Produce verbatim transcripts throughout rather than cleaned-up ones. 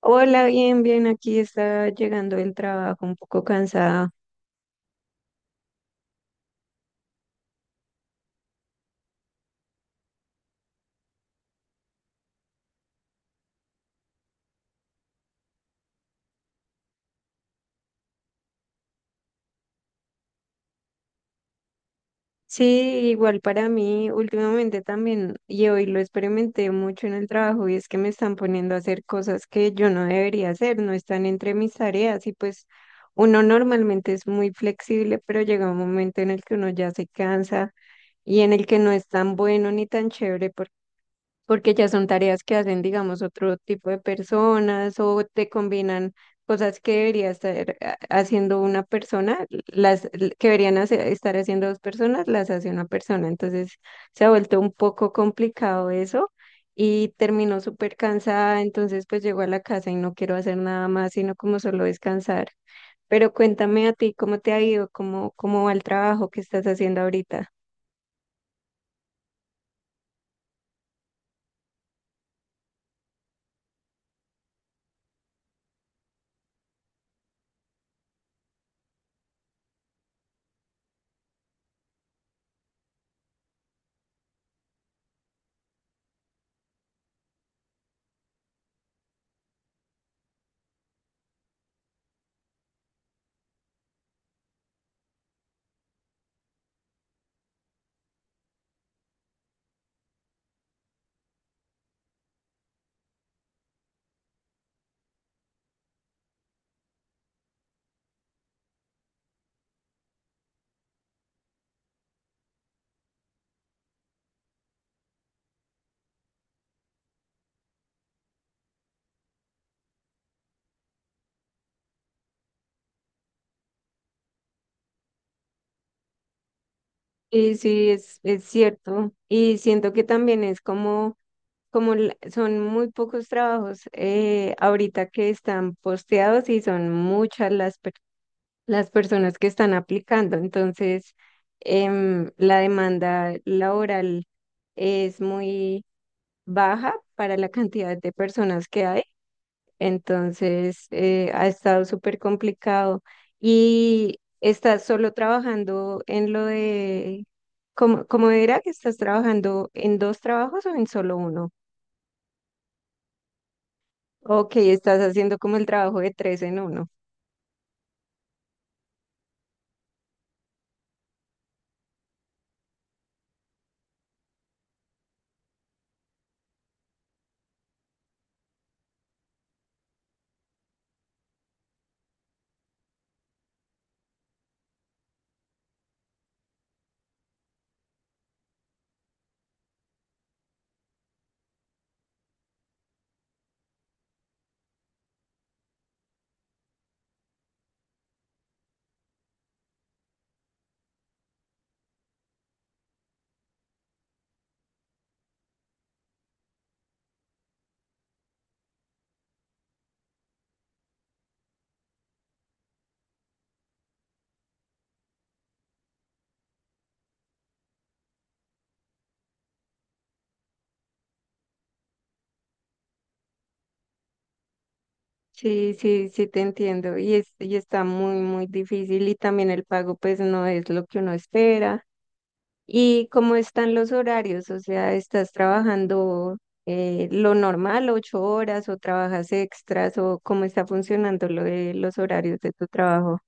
Hola, bien, bien, aquí está llegando el trabajo un poco cansada. Sí, igual para mí, últimamente también, y hoy lo experimenté mucho en el trabajo, y es que me están poniendo a hacer cosas que yo no debería hacer, no están entre mis tareas, y pues uno normalmente es muy flexible, pero llega un momento en el que uno ya se cansa y en el que no es tan bueno ni tan chévere porque ya son tareas que hacen, digamos, otro tipo de personas o te combinan cosas que debería estar ha- haciendo una persona, las l- que deberían hacer- estar haciendo dos personas, las hace una persona. Entonces se ha vuelto un poco complicado eso y terminó súper cansada, entonces pues llego a la casa y no quiero hacer nada más, sino como solo descansar. Pero cuéntame a ti cómo te ha ido, cómo, cómo va el trabajo que estás haciendo ahorita. Y sí, es, es cierto. Y siento que también es como como l- son muy pocos trabajos eh, ahorita que están posteados y son muchas las, per- las personas que están aplicando, entonces em, la demanda laboral es muy baja para la cantidad de personas que hay, entonces eh, ha estado súper complicado y estás solo trabajando en lo de, ¿cómo, cómo era que estás trabajando en dos trabajos o en solo uno? Ok, estás haciendo como el trabajo de tres en uno. Sí, sí, sí te entiendo. Y es, y está muy, muy difícil. Y también el pago, pues, no es lo que uno espera. ¿Y cómo están los horarios? O sea, ¿estás trabajando eh, lo normal, ocho horas, o trabajas extras, o cómo está funcionando lo de los horarios de tu trabajo?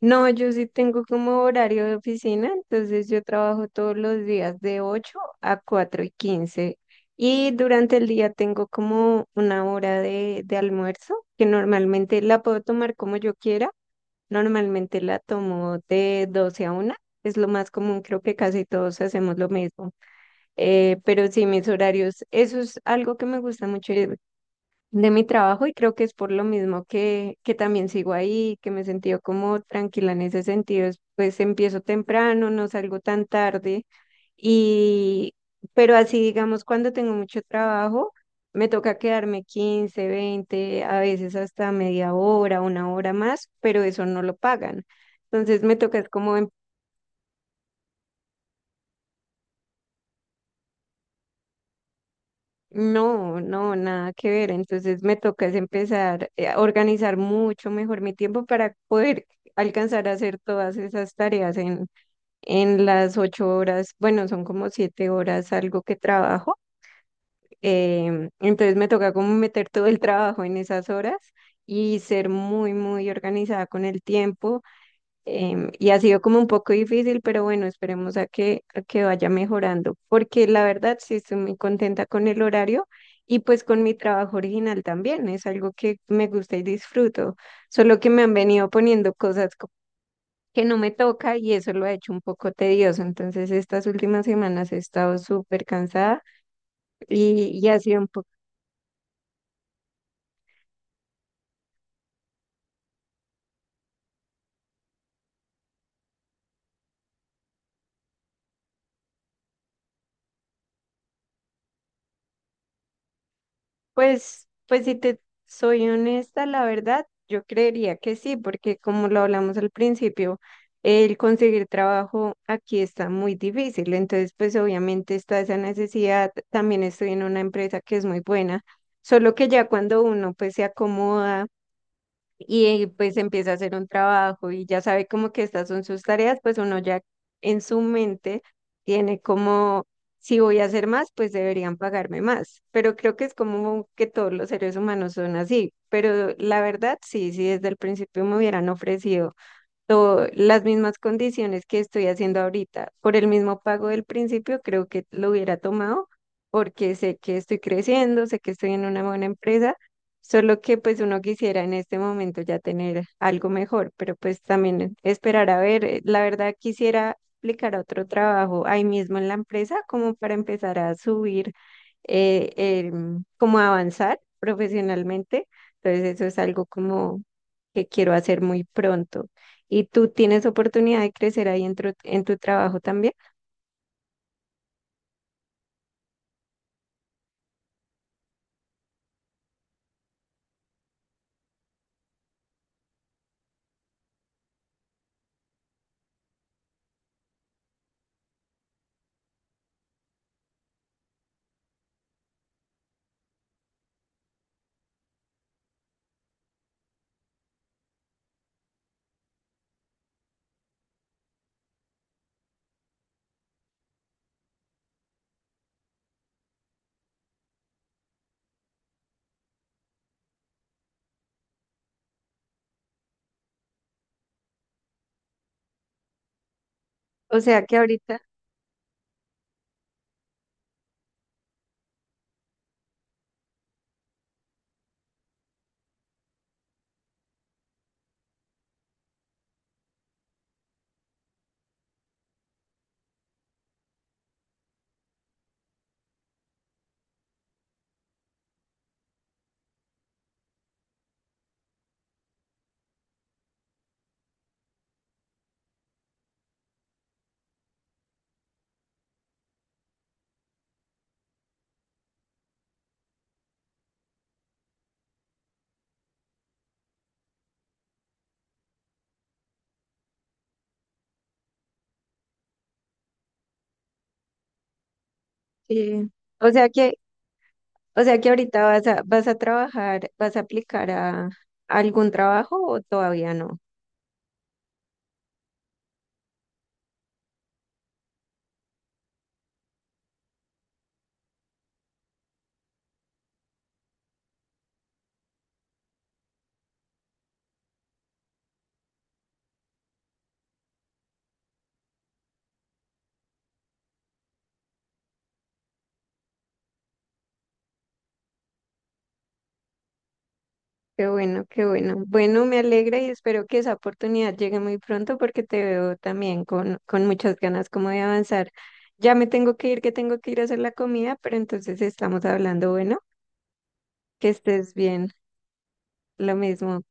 No, yo sí tengo como horario de oficina, entonces yo trabajo todos los días de ocho a cuatro y quince, y durante el día tengo como una hora de, de almuerzo que normalmente la puedo tomar como yo quiera, normalmente la tomo de doce a una, es lo más común, creo que casi todos hacemos lo mismo, eh, pero sí mis horarios, eso es algo que me gusta mucho, de mi trabajo y creo que es por lo mismo que, que también sigo ahí, que me he sentido como tranquila en ese sentido. es, Pues empiezo temprano, no salgo tan tarde y, pero así digamos, cuando tengo mucho trabajo, me toca quedarme quince, veinte a veces, hasta media hora, una hora más, pero eso no lo pagan. Entonces me toca es como. No, no, nada que ver. Entonces me toca es empezar eh, a organizar mucho mejor mi tiempo para poder alcanzar a hacer todas esas tareas en, en las ocho horas. Bueno, son como siete horas algo que trabajo. Em, entonces me toca como meter todo el trabajo en esas horas y ser muy, muy organizada con el tiempo, em, y ha sido como un poco difícil, pero bueno, esperemos a que, a que vaya mejorando, porque la verdad sí estoy muy contenta con el horario y pues con mi trabajo original también, es algo que me gusta y disfruto, solo que me han venido poniendo cosas co- que no me toca y eso lo ha hecho un poco tedioso, entonces estas últimas semanas he estado súper cansada y, y ha sido un poco. Pues, pues si te soy honesta, la verdad, yo creería que sí, porque como lo hablamos al principio, el conseguir trabajo aquí está muy difícil. Entonces, pues obviamente está esa necesidad. También estoy en una empresa que es muy buena, solo que ya cuando uno pues se acomoda y eh, pues empieza a hacer un trabajo y ya sabe como que estas son sus tareas, pues uno ya en su mente tiene como, si voy a hacer más, pues deberían pagarme más. Pero creo que es como que todos los seres humanos son así. Pero la verdad, sí, sí, desde el principio me hubieran ofrecido to- las mismas condiciones que estoy haciendo ahorita. Por el mismo pago del principio, creo que lo hubiera tomado porque sé que estoy creciendo, sé que estoy en una buena empresa, solo que pues uno quisiera en este momento ya tener algo mejor, pero pues también esperar a ver, eh, la verdad quisiera aplicar a otro trabajo ahí mismo en la empresa como para empezar a subir, eh, em, como a avanzar profesionalmente. Entonces eso es algo como que quiero hacer muy pronto. Y tú tienes oportunidad de crecer ahí en tu, en tu trabajo también. O sea que ahorita, eh, o sea que, o sea que ahorita vas a, vas a trabajar, vas a aplicar a algún trabajo o todavía no. Qué bueno, qué bueno. Bueno, me alegra y espero que esa oportunidad llegue muy pronto porque te veo también con, con muchas ganas como de avanzar. Ya me tengo que ir, que tengo que ir a hacer la comida, pero entonces estamos hablando, bueno, que estés bien, lo mismo.